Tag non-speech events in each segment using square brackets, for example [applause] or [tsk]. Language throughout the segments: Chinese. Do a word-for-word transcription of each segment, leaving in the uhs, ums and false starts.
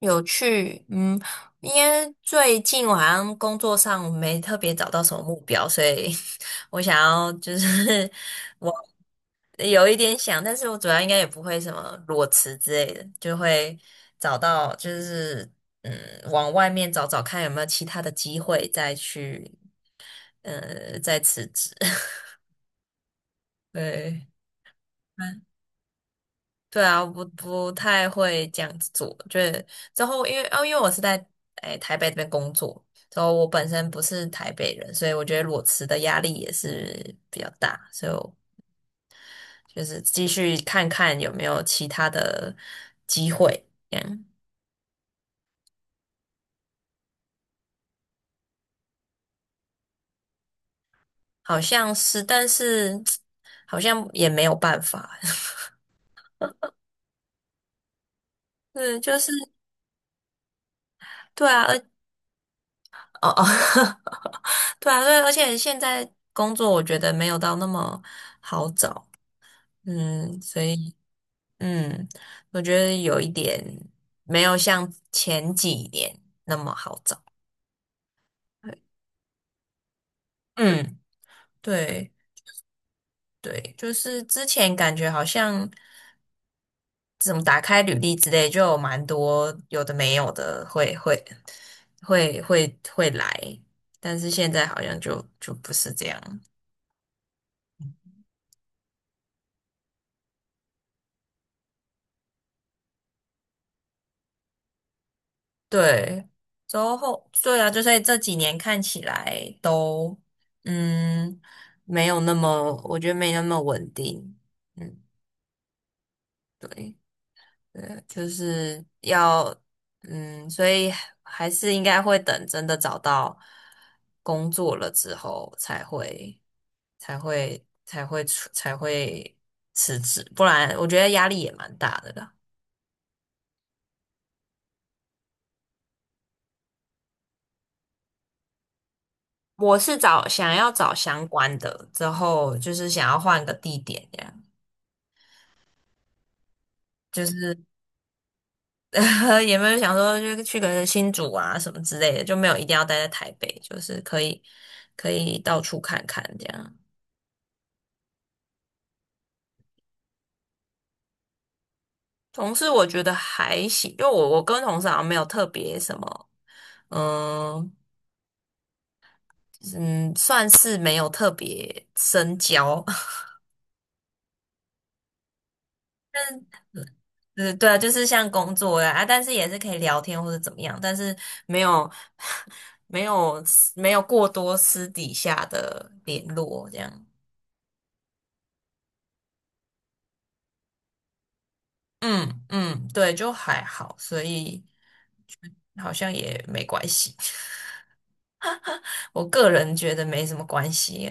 有趣，嗯，因为最近我好像工作上没特别找到什么目标，所以 [laughs] 我想要就是 [laughs] 有一点想，但是我主要应该也不会什么裸辞之类的，就会找到就是嗯，往外面找找看有没有其他的机会再去呃再辞职。[laughs] 对，对啊，不不太会这样子做。就是之后，因为哦，因为我是在诶、台北这边工作，之后我本身不是台北人，所以我觉得裸辞的压力也是比较大，所以我就是继续看看有没有其他的机会。这样好像是，但是 [tsk] 好像也没有办法。[laughs] 嗯，就是对啊，而哦哦，[laughs] 对啊，对，而且现在工作我觉得没有到那么好找。嗯，所以。嗯，我觉得有一点没有像前几年那么好找。嗯，对对，就是之前感觉好像怎么打开履历之类，就有蛮多有的没有的会会会会会来，但是现在好像就就不是这样。对，之后对啊，就所以这几年看起来都嗯没有那么，我觉得没那么稳定。嗯，对。呃，就是要，嗯，所以还是应该会等真的找到工作了之后才会，才会，才会出，才会辞职，不然我觉得压力也蛮大的啦。我是找想要找相关的，之后就是想要换个地点，这样就是 [laughs] 也没有想说就去个新竹啊什么之类的，就没有一定要待在台北，就是可以可以到处看看这样。同事我觉得还行，因为我我跟同事好像没有特别什么，嗯嗯，算是没有特别深交，[laughs] 嗯，对啊，就是像工作呀啊，但是也是可以聊天或者怎么样，但是没有没有没有过多私底下的联络这样，嗯嗯，对，就还好，所以好像也没关系，[laughs] 我个人觉得没什么关系，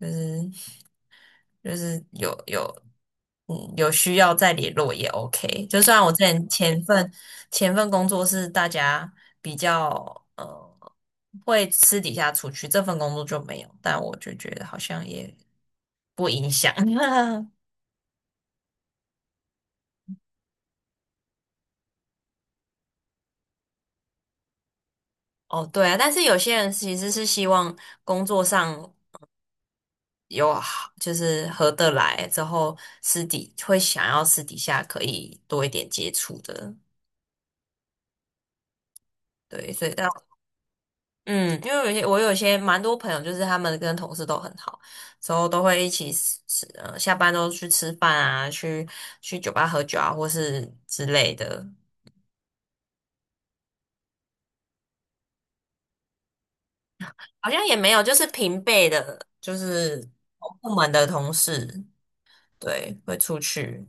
就是。就是有有嗯有需要再联络也 OK。就算我之前前份前份工作是大家比较呃会私底下出去，这份工作就没有，但我就觉得好像也 [laughs] 哦对啊，但是有些人其实是希望工作上。有好就是合得来之后，私底会想要私底下可以多一点接触的，对，所以但嗯，因为有些我有些蛮多朋友，就是他们跟同事都很好，之后都会一起吃，吃呃，下班都去吃饭啊，去去酒吧喝酒啊，或是之类的。好像也没有，就是平辈的，就是同部门的同事，对，会出去。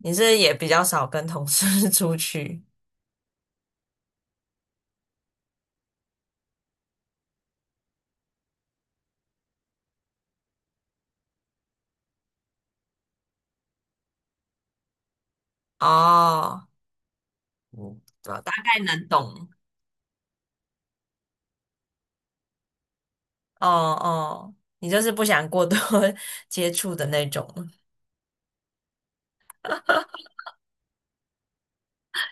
你是也比较少跟同事 [laughs] 出去哦，嗯，对啊，大概能懂。哦哦，你就是不想过多 [laughs] 接触的那种。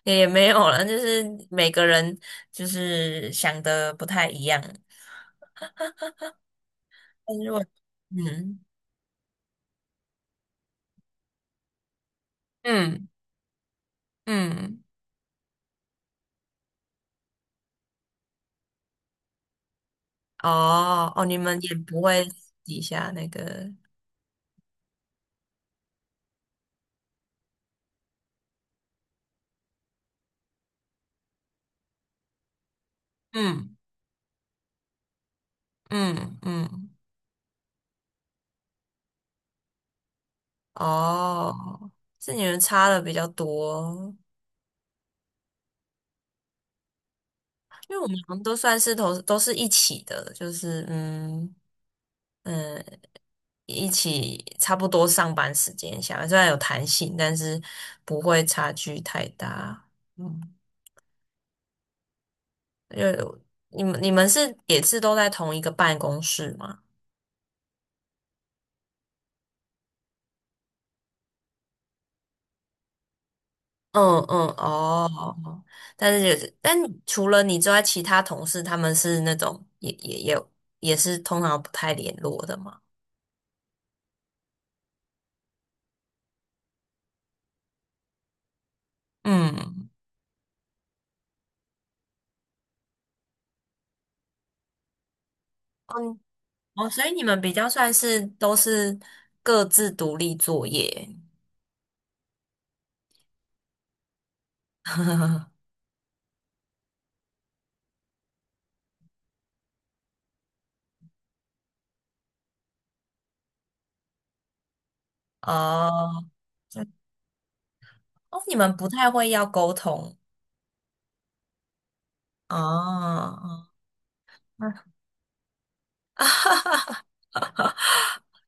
也没有了，就是每个人就是想的不太一样。但如果嗯嗯嗯，哦哦，你们也不会私底下那个，嗯嗯嗯，哦，是你们差的比较多，因为我们好像都算是同都是一起的，就是嗯嗯，一起差不多上班时间下，虽然有弹性，但是不会差距太大。嗯。呃，你们你们是也是都在同一个办公室吗？嗯嗯哦，但是也是，但除了你之外，其他同事他们是那种也也也也是通常不太联络的嘛。嗯，嗯哦，所以你们比较算是都是各自独立作业。[laughs] 哦，这哦，你们不太会要沟通哦，哦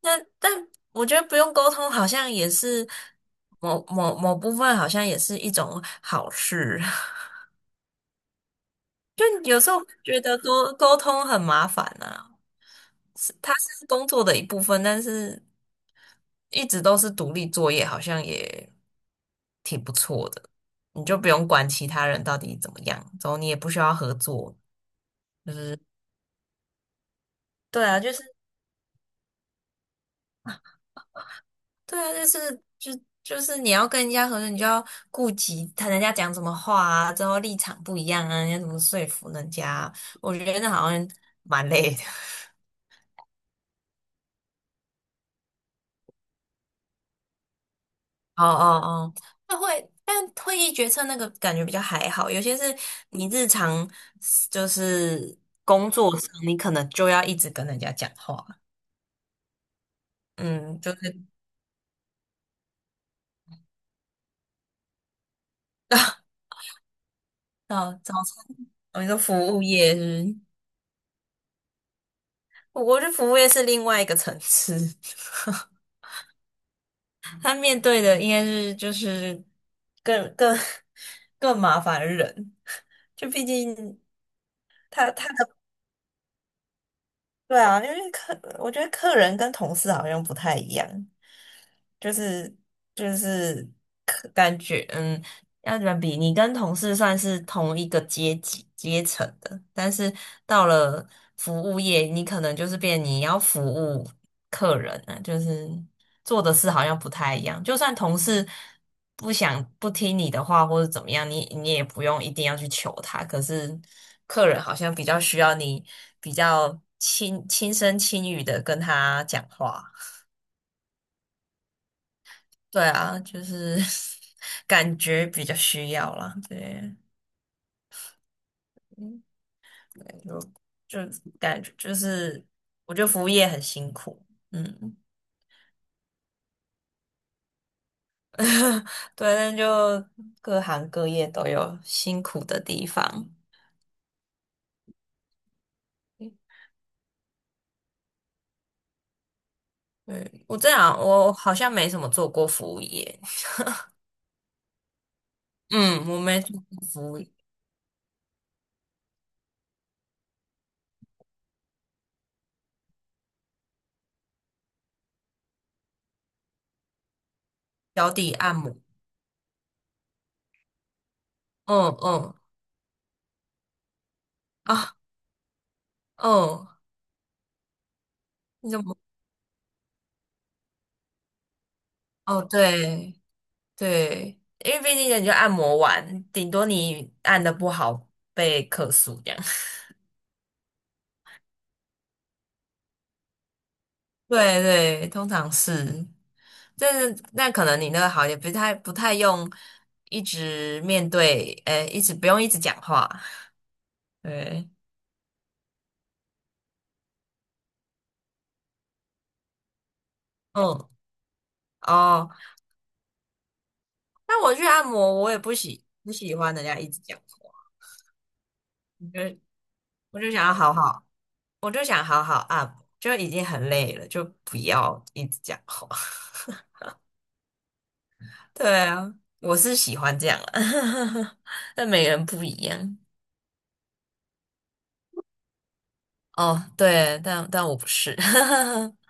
那但我觉得不用沟通，好像也是某某某部分，好像也是一种好事。[laughs] 就有时候觉得沟沟通很麻烦啊，是它是工作的一部分，但是一直都是独立作业，好像也挺不错的。你就不用管其他人到底怎么样，然后你也不需要合作。对啊，就是对啊，就是就就是你要跟人家合作，你就要顾及他人家讲什么话啊，之后立场不一样啊，你要怎么说服人家啊我觉得那好像蛮累的。[laughs] 哦哦哦，那会，但会议决策那个感觉比较还好，有些是你日常就是工作上，你可能就要一直跟人家讲话，嗯，就是到到，我们说服务业是不是我觉得服务业是另外一个层次。[laughs] 他面对的应该是就是更更 [laughs] 更麻烦的人，就毕竟他他的对啊，因为客我觉得客人跟同事好像不太一样，就是就是客感觉嗯。要怎么比？你跟同事算是同一个阶级阶层的，但是到了服务业，你可能就是变你要服务客人啊，就是做的事好像不太一样。就算同事不想不听你的话，或者怎么样，你你也不用一定要去求他。可是客人好像比较需要你比较轻轻声轻语的跟他讲话。对啊，就是 [laughs] 感觉比较需要啦，对。就就感觉就是，我觉得服务业很辛苦，嗯，[laughs] 对，那就各行各业都有辛苦的地方。对我这样，我好像没什么做过服务业，嗯，我没做过服务业，脚底按摩，嗯嗯啊，嗯，你怎么？哦，对对，因为毕竟人家按摩完，顶多你按的不好被客诉这样。[laughs] 对对，通常是。就是那可能你那个好也不太不太用一直面对，呃，一直不用一直讲话，对，嗯，哦，那我去按摩，我也不喜不喜欢人家一直讲话，我就我就想要好好，我就想好好按摩，就已经很累了，就不要一直讲话。[laughs] 对啊，我是喜欢这样啊，[laughs] 但每个人不一样。哦，对，但但我不是。[laughs]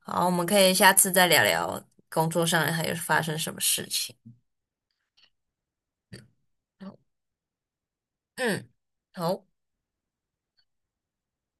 好，我们可以下次再聊聊工作上还有发生什么事情。好嗯，好。